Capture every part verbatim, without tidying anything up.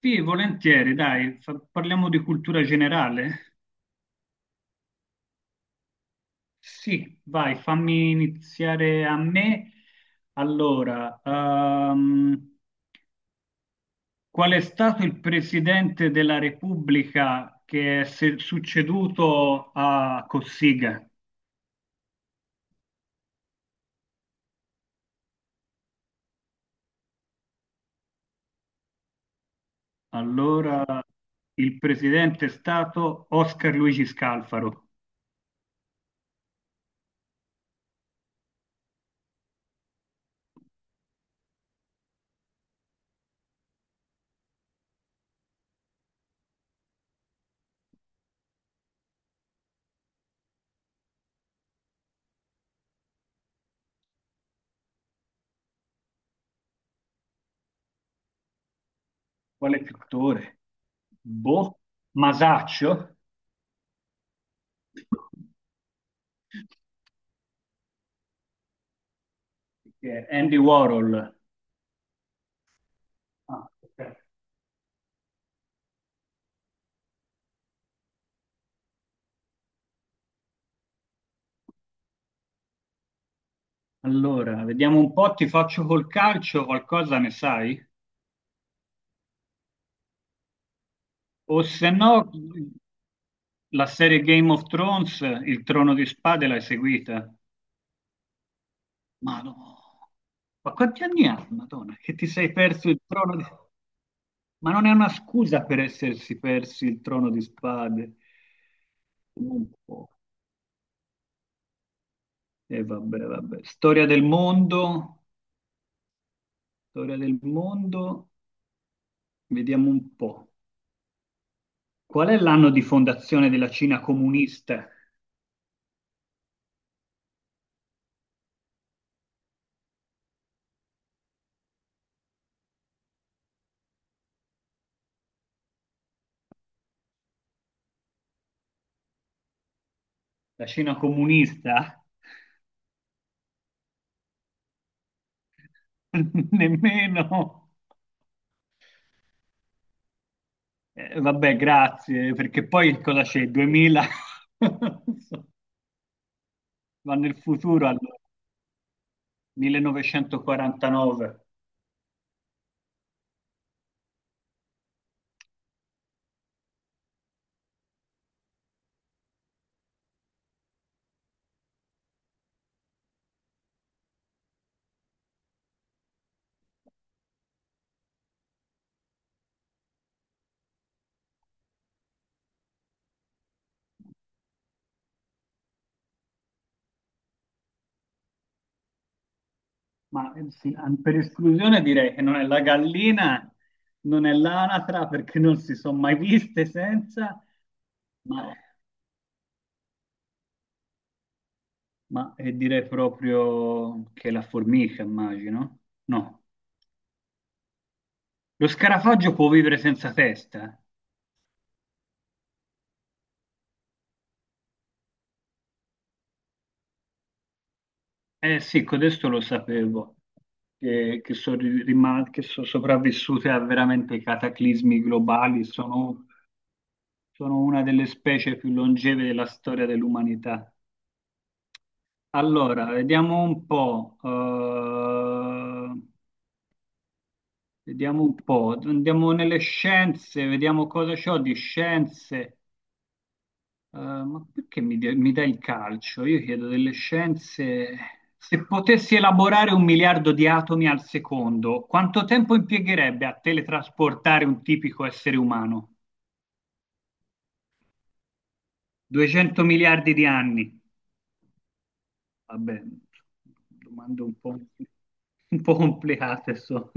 Sì, volentieri, dai, fa- parliamo di cultura generale. Sì, vai, fammi iniziare a me. Allora, ehm, qual è stato il presidente della Repubblica che è se- succeduto a Cossiga? Allora, il presidente è stato Oscar Luigi Scalfaro. Quale pittore? Boh, Masaccio? Che è Andy Warhol. Ah, ok. Allora, vediamo un po', ti faccio col calcio, qualcosa ne sai? O se no, la serie Game of Thrones, il Trono di Spade, l'hai seguita? Ma no, ma quanti anni ha, Madonna, che ti sei perso il Trono di... Ma non è una scusa per essersi persi il Trono di Spade. Un po'. E vabbè, vabbè. Storia del mondo, storia del mondo, vediamo un po'. Qual è l'anno di fondazione della Cina comunista? La Cina comunista? Nemmeno. Eh, vabbè, grazie, perché poi cosa c'è? duemila? Non so. Va nel futuro allora, millenovecentoquarantanove. Ma eh, sì, an- per esclusione direi che non è la gallina, non è l'anatra, perché non si sono mai viste senza, ma, ma, eh, direi proprio che la formica, immagino. No. Lo scarafaggio può vivere senza testa? Eh sì, codesto lo sapevo, che, che sono ri- rima- che sono sopravvissute a veramente cataclismi globali, sono, sono una delle specie più longeve della storia dell'umanità. Allora, vediamo un po', eh, vediamo un po', andiamo nelle scienze, vediamo cosa c'ho di scienze. Eh, ma perché mi, de- mi dai il calcio? Io chiedo delle scienze. Se potessi elaborare un miliardo di atomi al secondo, quanto tempo impiegherebbe a teletrasportare un tipico essere umano? duecento miliardi di anni. Vabbè, domande un po', un po' complicate sono.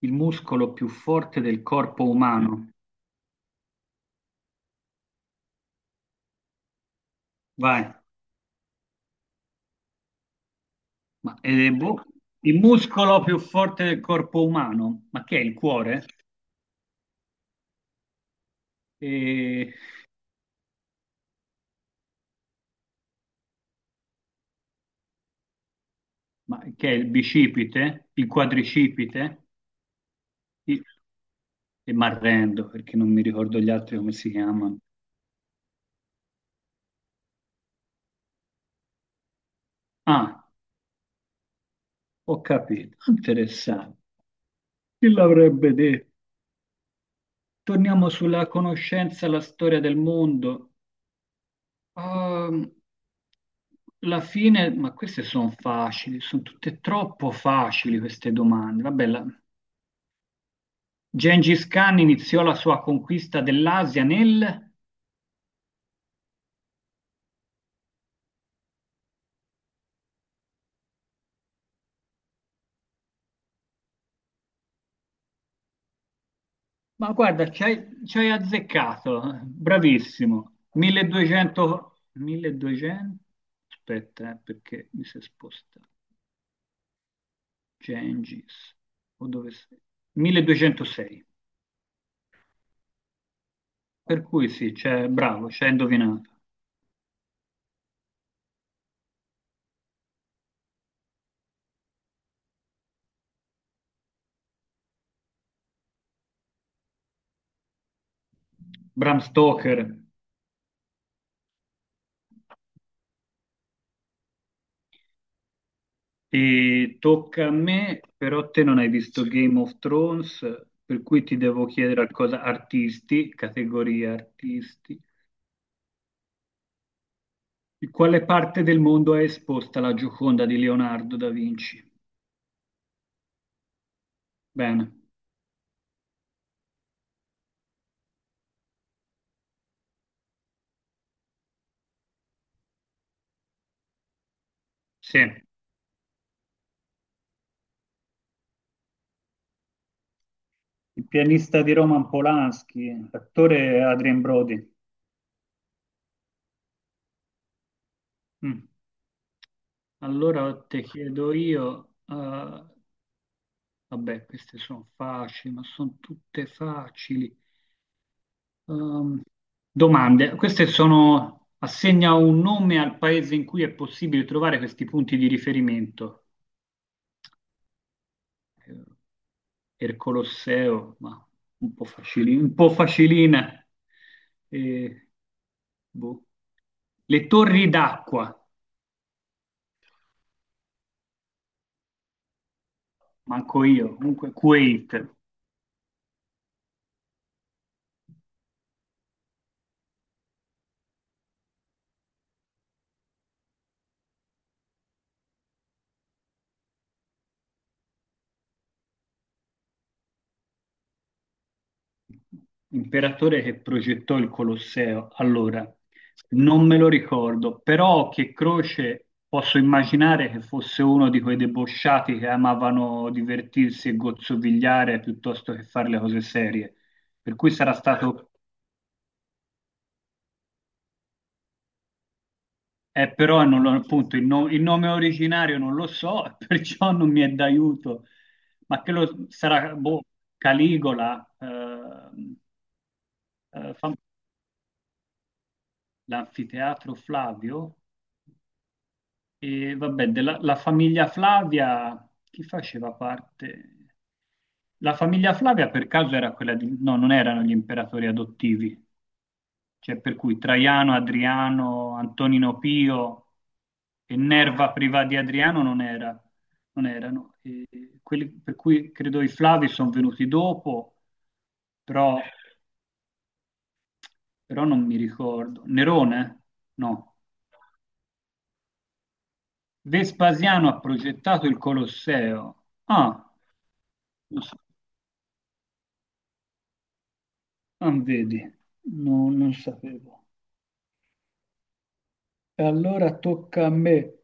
Il muscolo più forte del corpo umano. Vai. Ma, eh, boh. Il muscolo più forte del corpo umano. Ma che è il cuore? Eh, ma che è il bicipite, il quadricipite, il- e m'arrendo perché non mi ricordo gli altri come si chiamano. Ah, ho capito, interessante. Chi l'avrebbe detto? Torniamo sulla conoscenza, la storia del mondo. Ehm, Alla fine, ma queste sono facili, sono tutte troppo facili queste domande. Vabbè, la- Gengis Khan iniziò la sua conquista dell'Asia nel... Ma guarda, ci hai, ci hai azzeccato, bravissimo. milleduecento, milleduecento, aspetta, eh, perché mi si è spostato. Gengis, o dove sei? milleduecentosei. Per cui sì, c'è, bravo, ci hai indovinato. Bram Stoker, e tocca a me, però te non hai visto Game of Thrones, per cui ti devo chiedere a cosa artisti, categoria artisti. In quale parte del mondo è esposta la Gioconda di Leonardo da Vinci? Bene, sì. Il pianista di Roman Polanski, l'attore è Adrien Brody. Mm. Allora te chiedo io, eh, vabbè, queste sono facili, ma sono tutte facili. Ehm, Domande, queste sono... Assegna un nome al paese in cui è possibile trovare questi punti di riferimento. Eh, il Colosseo, ma un po' facili- un po' facilina. E, boh. Le torri d'acqua, manco io, comunque Quake, imperatore che progettò il Colosseo. Allora, non me lo ricordo, però che Croce posso immaginare che fosse uno di quei debosciati che amavano divertirsi e gozzovigliare piuttosto che fare le cose serie. Per cui sarà stato. Eh, però non lo- appunto il, no- il nome originario non lo so, perciò non mi è d'aiuto. Ma che lo sarà boh, Caligola, ehm, eh, fam- l'anfiteatro Flavio e vabbè, della, la famiglia Flavia, chi faceva parte? La famiglia Flavia per caso era quella di... No, non erano gli imperatori adottivi. Cioè, per cui Traiano, Adriano, Antonino Pio e Nerva privati di Adriano non era, non erano. E quelli per cui credo i Flavi sono venuti dopo, però, però non mi ricordo. Nerone? No. Vespasiano ha progettato il Colosseo. Ah, non so- ah, vedi, no, non sapevo. E allora tocca a me.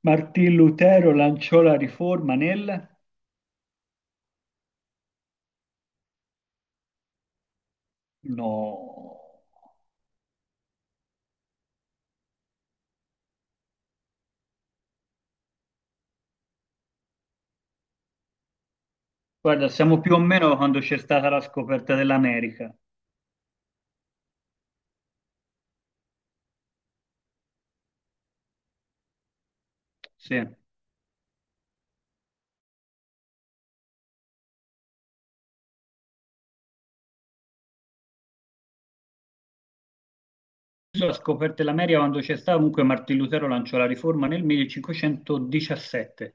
Martin Lutero lanciò la riforma nel... No, guarda, siamo più o meno quando c'è stata la scoperta dell'America. Sì. La scoperta dell'America quando c'è stata, comunque Martin Lutero lanciò la riforma nel millecinquecentodiciassette.